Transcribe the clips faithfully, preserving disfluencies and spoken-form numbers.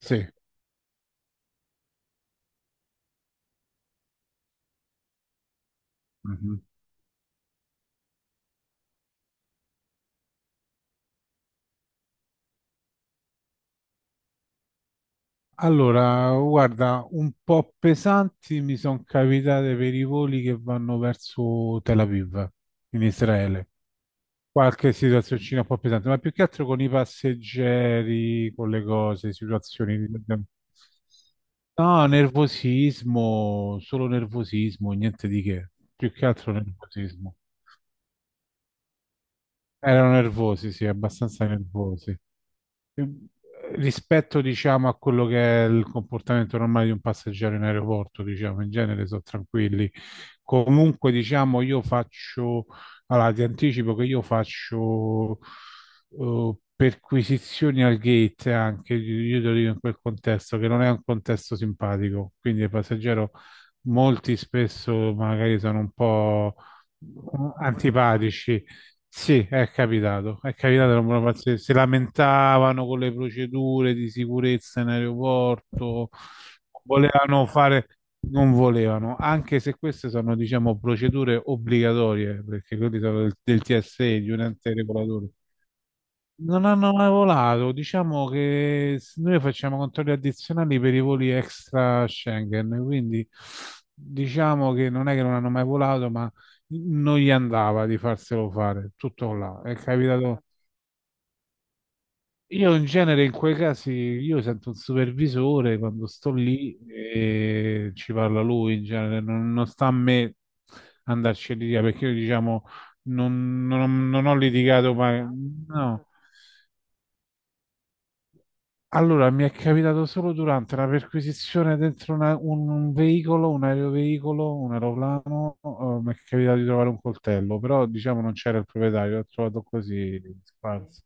Sì. Mhm. Allora, guarda, un po' pesanti mi sono capitate per i voli che vanno verso Tel Aviv, in Israele. Qualche situazioncina un po' pesante, ma più che altro con i passeggeri, con le cose, situazioni... di- No, nervosismo, solo nervosismo, niente di che. Più che altro nervosismo. Erano nervosi, sì, abbastanza nervosi. Eh, rispetto, diciamo, a quello che è il comportamento normale di un passeggero in aeroporto, diciamo, in genere sono tranquilli. Comunque, diciamo, io faccio, allora ti anticipo che io faccio eh, perquisizioni al gate anche, io te lo dico in quel contesto, che non è un contesto simpatico, quindi il passeggero molti spesso magari sono un po' antipatici. Sì, è capitato, è capitato, era una pazzia- si lamentavano con le procedure di sicurezza in aeroporto, volevano fare, non volevano, anche se queste sono, diciamo, procedure obbligatorie, perché quelli sono del, del T S E, di un ente regolatore. Non hanno mai volato, diciamo che s- noi facciamo controlli addizionali per i voli extra Schengen, quindi diciamo che non è che non hanno mai volato, ma non gli andava di farselo fare, tutto là. È capitato. Io in genere in quei casi io sento un supervisore quando sto lì e ci parla lui, in genere non, non sta a me andarci a litigare, perché io diciamo non, non- non ho litigato mai, no. Allora, mi è capitato solo durante una perquisizione dentro una- un, un veicolo, un aeroveicolo, un aeroplano, eh, mi è capitato di trovare un coltello, però diciamo non c'era il proprietario, l'ho trovato così sparso.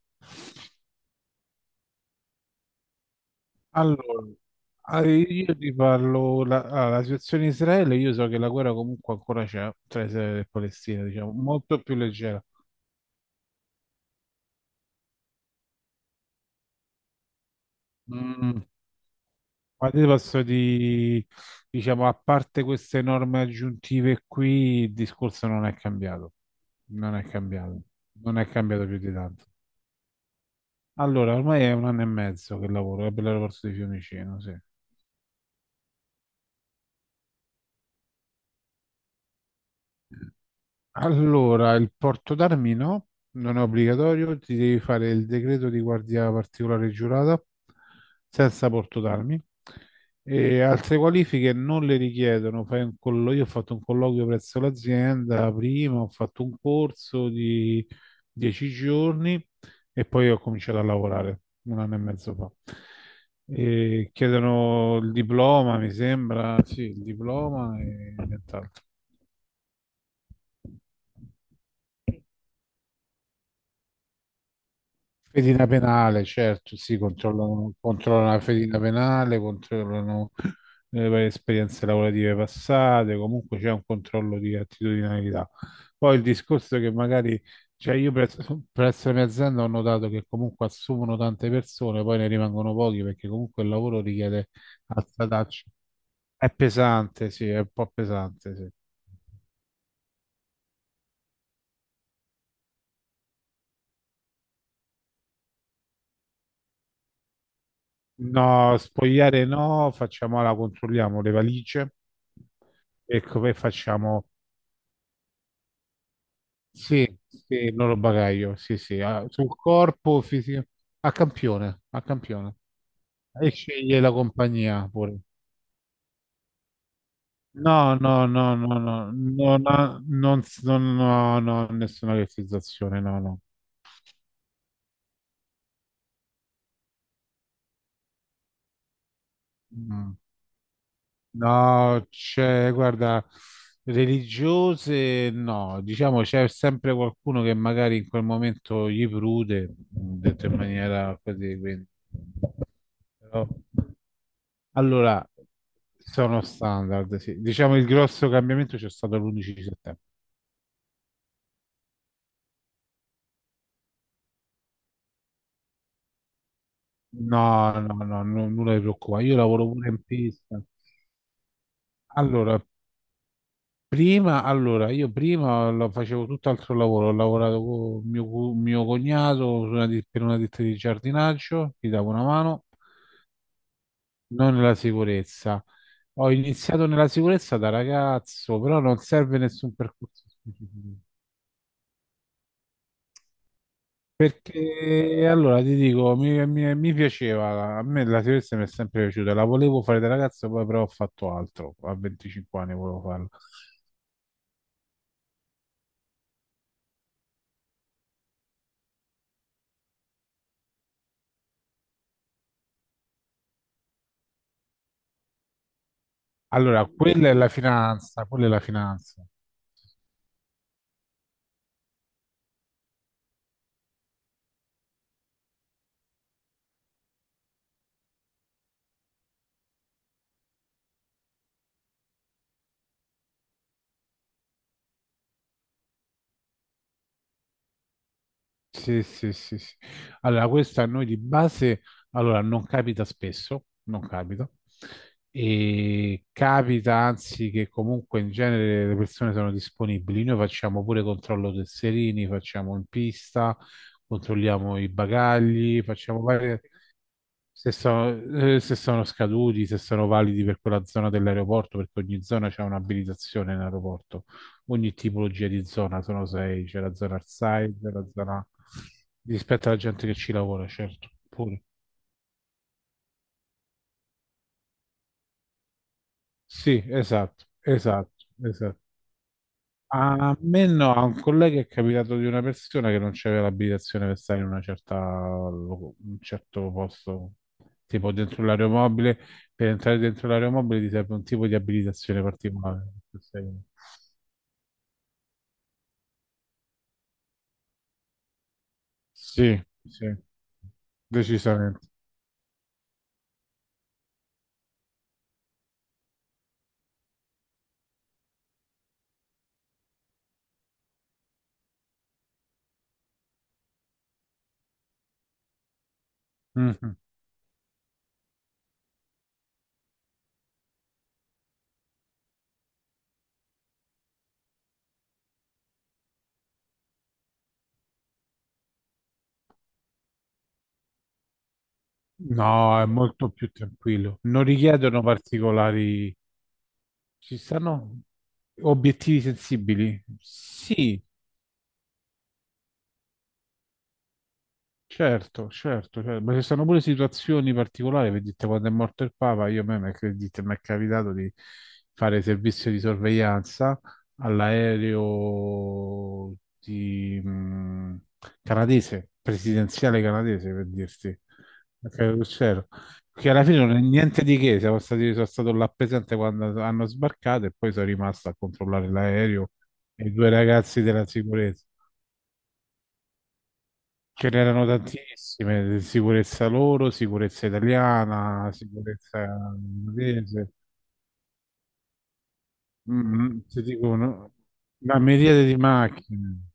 Allora, ah, io ti parlo, la, ah, la situazione in Israele, io so che la guerra comunque ancora c'è tra Israele e Palestina, diciamo, molto più leggera. Mm. Ma ti posso di, diciamo, a parte queste norme aggiuntive qui, il discorso non è cambiato. Non è cambiato. Non è cambiato più di tanto. Allora, ormai è un anno e mezzo che lavoro, eh, per l'aeroporto di Fiumicino, sì. Allora, il porto d'armi no, non è obbligatorio, ti devi fare il decreto di guardia particolare giurata senza porto d'armi. E altre qualifiche non le richiedono. Fai un collo- Io ho fatto un colloquio presso l'azienda prima, ho fatto un corso di dieci giorni e poi ho cominciato a lavorare un anno e mezzo fa. E chiedono il diploma, mi sembra, sì, il diploma e nient'altro. Fedina penale, certo, sì, controllano, controllano la fedina penale, controllano le varie esperienze lavorative passate, comunque c'è un controllo di attitudinalità. Poi il discorso è che magari, cioè io presso, presso la mia azienda ho notato che comunque assumono tante persone, poi ne rimangono pochi perché comunque il lavoro richiede alta taccia. È pesante, sì, è un po' pesante, sì. No, spogliare no, facciamola, controlliamo le valigie. Ecco, poi facciamo sì, sì, non lo bagaglio, sì, sì, ah, sul corpo fisico, a campione, a campione. E sceglie la compagnia pure. No, no, no, no, no, non, ha- non, s- non, no, no, nessuna realizzazione, no, no. Mm. No, c'è, guarda, religiose no, diciamo c'è sempre qualcuno che magari in quel momento gli prude, mm, detto in maniera così, quindi. Però- Allora, sono standard, sì. Diciamo il grosso cambiamento c'è stato l'undici settembre. No, no, no, no, nulla di preoccupa. Io lavoro pure in pista. Allora, prima, allora, io prima lo facevo tutt'altro lavoro, ho lavorato con mio, cu- mio cognato su una di- per una ditta di giardinaggio, gli davo una mano, non nella sicurezza. Ho iniziato nella sicurezza da ragazzo, però non serve nessun percorso specifico. Perché allora ti dico, mi, mi- mi piaceva, a me la sicurezza mi è sempre piaciuta, la volevo fare da ragazzo, poi però ho fatto altro, a venticinque anni volevo farlo. Allora, quella è la finanza, quella è la finanza. Sì, sì, sì, sì. Allora, questa a noi di base, allora, non capita spesso, non capita, e capita anzi che comunque in genere le persone sono disponibili. Noi facciamo pure controllo tesserini, facciamo in pista, controlliamo i bagagli, facciamo varie, se, so- eh, se sono scaduti, se sono validi per quella zona dell'aeroporto, perché ogni zona c'è un'abilitazione in aeroporto, ogni tipologia di zona, sono sei, c'è la zona outside, la zona rispetto alla gente che ci lavora, certo, pure. Sì, esatto, esatto, esatto. A me no, a un collega è capitato di una persona che non c'aveva l'abilitazione per stare in una certa, lo- un certo posto, tipo dentro l'aeromobile. Per entrare dentro l'aeromobile ti serve un tipo di abilitazione particolare. Sì, sì, decisamente. Mhm. No, è molto più tranquillo. Non richiedono particolari. Ci stanno obiettivi sensibili? Sì. Certo, certo, certo. Ma ci sono pure situazioni particolari, vedete, quando è morto il Papa, io a me mi è credete, mi è capitato di fare servizio di sorveglianza all'aereo di, mh, canadese, presidenziale canadese, per dirti, che c'ero. Che alla fine non è niente di che, siamo stati- sono stato là presente quando hanno sbarcato e poi sono rimasto a controllare l'aereo e i due ragazzi della sicurezza. Ce n'erano tantissime, sicurezza loro, sicurezza italiana, sicurezza inglese. Mm, ti dico una, una, miriade di macchine,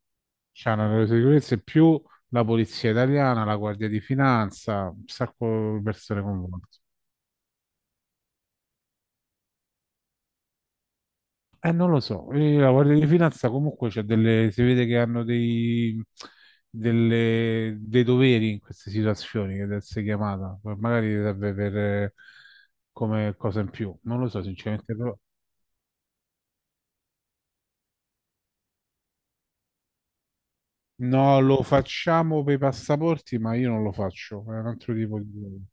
c'hanno le sicurezze più la polizia italiana, la guardia di finanza, un sacco di persone coinvolte. Eh, non lo so. Eh, la Guardia di Finanza comunque c'è delle, si vede che hanno dei, delle- dei doveri in queste situazioni che deve essere chiamata. Poi magari serve per eh, come cosa in più, non lo so sinceramente, però no, lo facciamo per i passaporti, ma io non lo faccio, è un altro tipo di...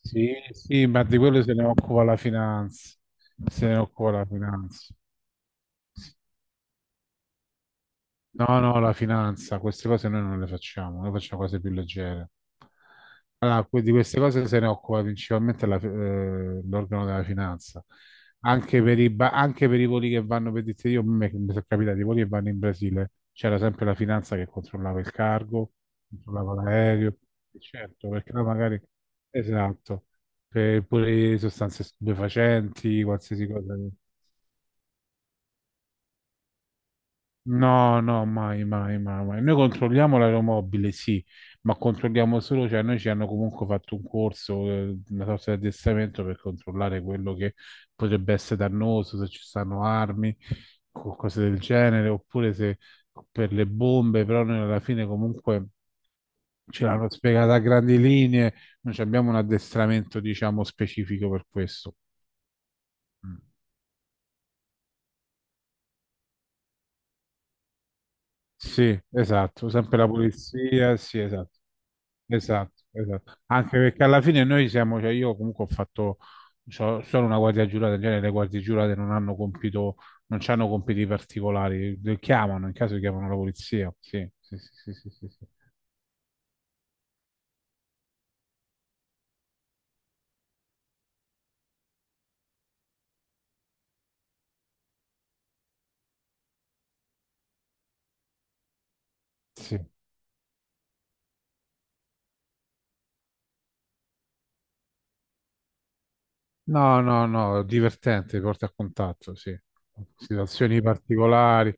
Sì, sì, ma di quello se ne occupa la finanza, se ne occupa la finanza. No, no, la finanza, queste cose noi non le facciamo, noi facciamo cose più leggere. Allora, que- di queste cose se ne occupa principalmente la- eh, l'organo della finanza. Anche per i, ba- anche per i voli che vanno, per dirti io, mi mi sono capitato, i voli che vanno in Brasile, c'era sempre la finanza che controllava il cargo, controllava l'aereo. E certo, perché là magari, esatto, per pure sostanze stupefacenti, qualsiasi cosa. No, no, mai, mai, mai, mai. Noi controlliamo l'aeromobile, sì, ma controlliamo solo, cioè noi ci hanno comunque fatto un corso, eh, una sorta di addestramento per controllare quello che potrebbe essere dannoso, se ci stanno armi, co- cose del genere, oppure se per le bombe, però noi alla fine comunque ce l'hanno spiegata a grandi linee, non ci abbiamo un addestramento, diciamo, specifico per questo. Mm. Sì, esatto, sempre la polizia, sì, esatto. Esatto, esatto. Anche perché alla fine noi siamo, cioè io comunque ho fatto so- solo una guardia giurata, in genere le guardie giurate non hanno compito, non hanno compiti particolari, le chiamano, in caso chiamano la polizia. Sì, sì, sì, sì, sì, sì, sì. Sì. No, no, no, divertente, porta a contatto, sì. Situazioni particolari.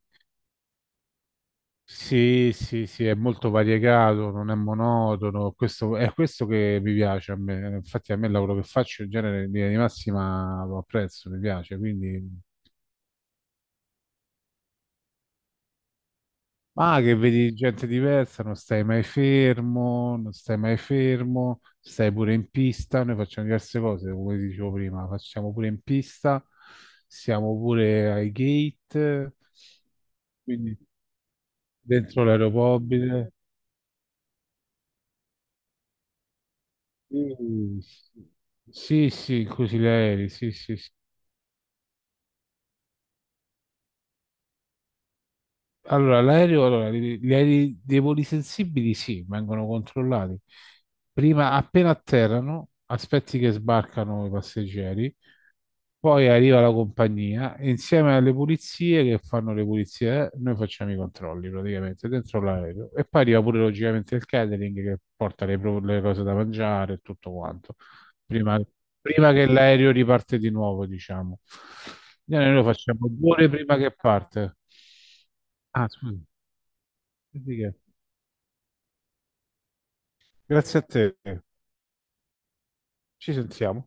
Sì, sì, sì, è molto variegato, non è monotono, questo, è questo che mi piace a me, infatti a me il lavoro che faccio in genere in linea di massima lo apprezzo, mi piace, quindi... Ah, che vedi gente diversa, non stai mai fermo, non stai mai fermo, stai pure in pista, noi facciamo diverse cose, come ti dicevo prima, facciamo pure in pista, siamo pure ai gate, quindi dentro l'aeropobile. Mm. Sì, sì, così gli aerei, sì, sì, sì. Allora, l'aereo, allora, gli gli aerei dei voli sensibili, sì, vengono controllati. Prima, appena atterrano, aspetti che sbarcano i passeggeri. Poi arriva la compagnia e insieme alle pulizie che fanno le pulizie, noi facciamo i controlli praticamente dentro l'aereo e poi arriva pure logicamente il catering che porta le, pro- le cose da mangiare e tutto quanto, prima, prima che l'aereo riparte di nuovo, diciamo. Noi noi lo facciamo due ore prima che parte. Ah, scusi, quindi che- Grazie a te, ci sentiamo.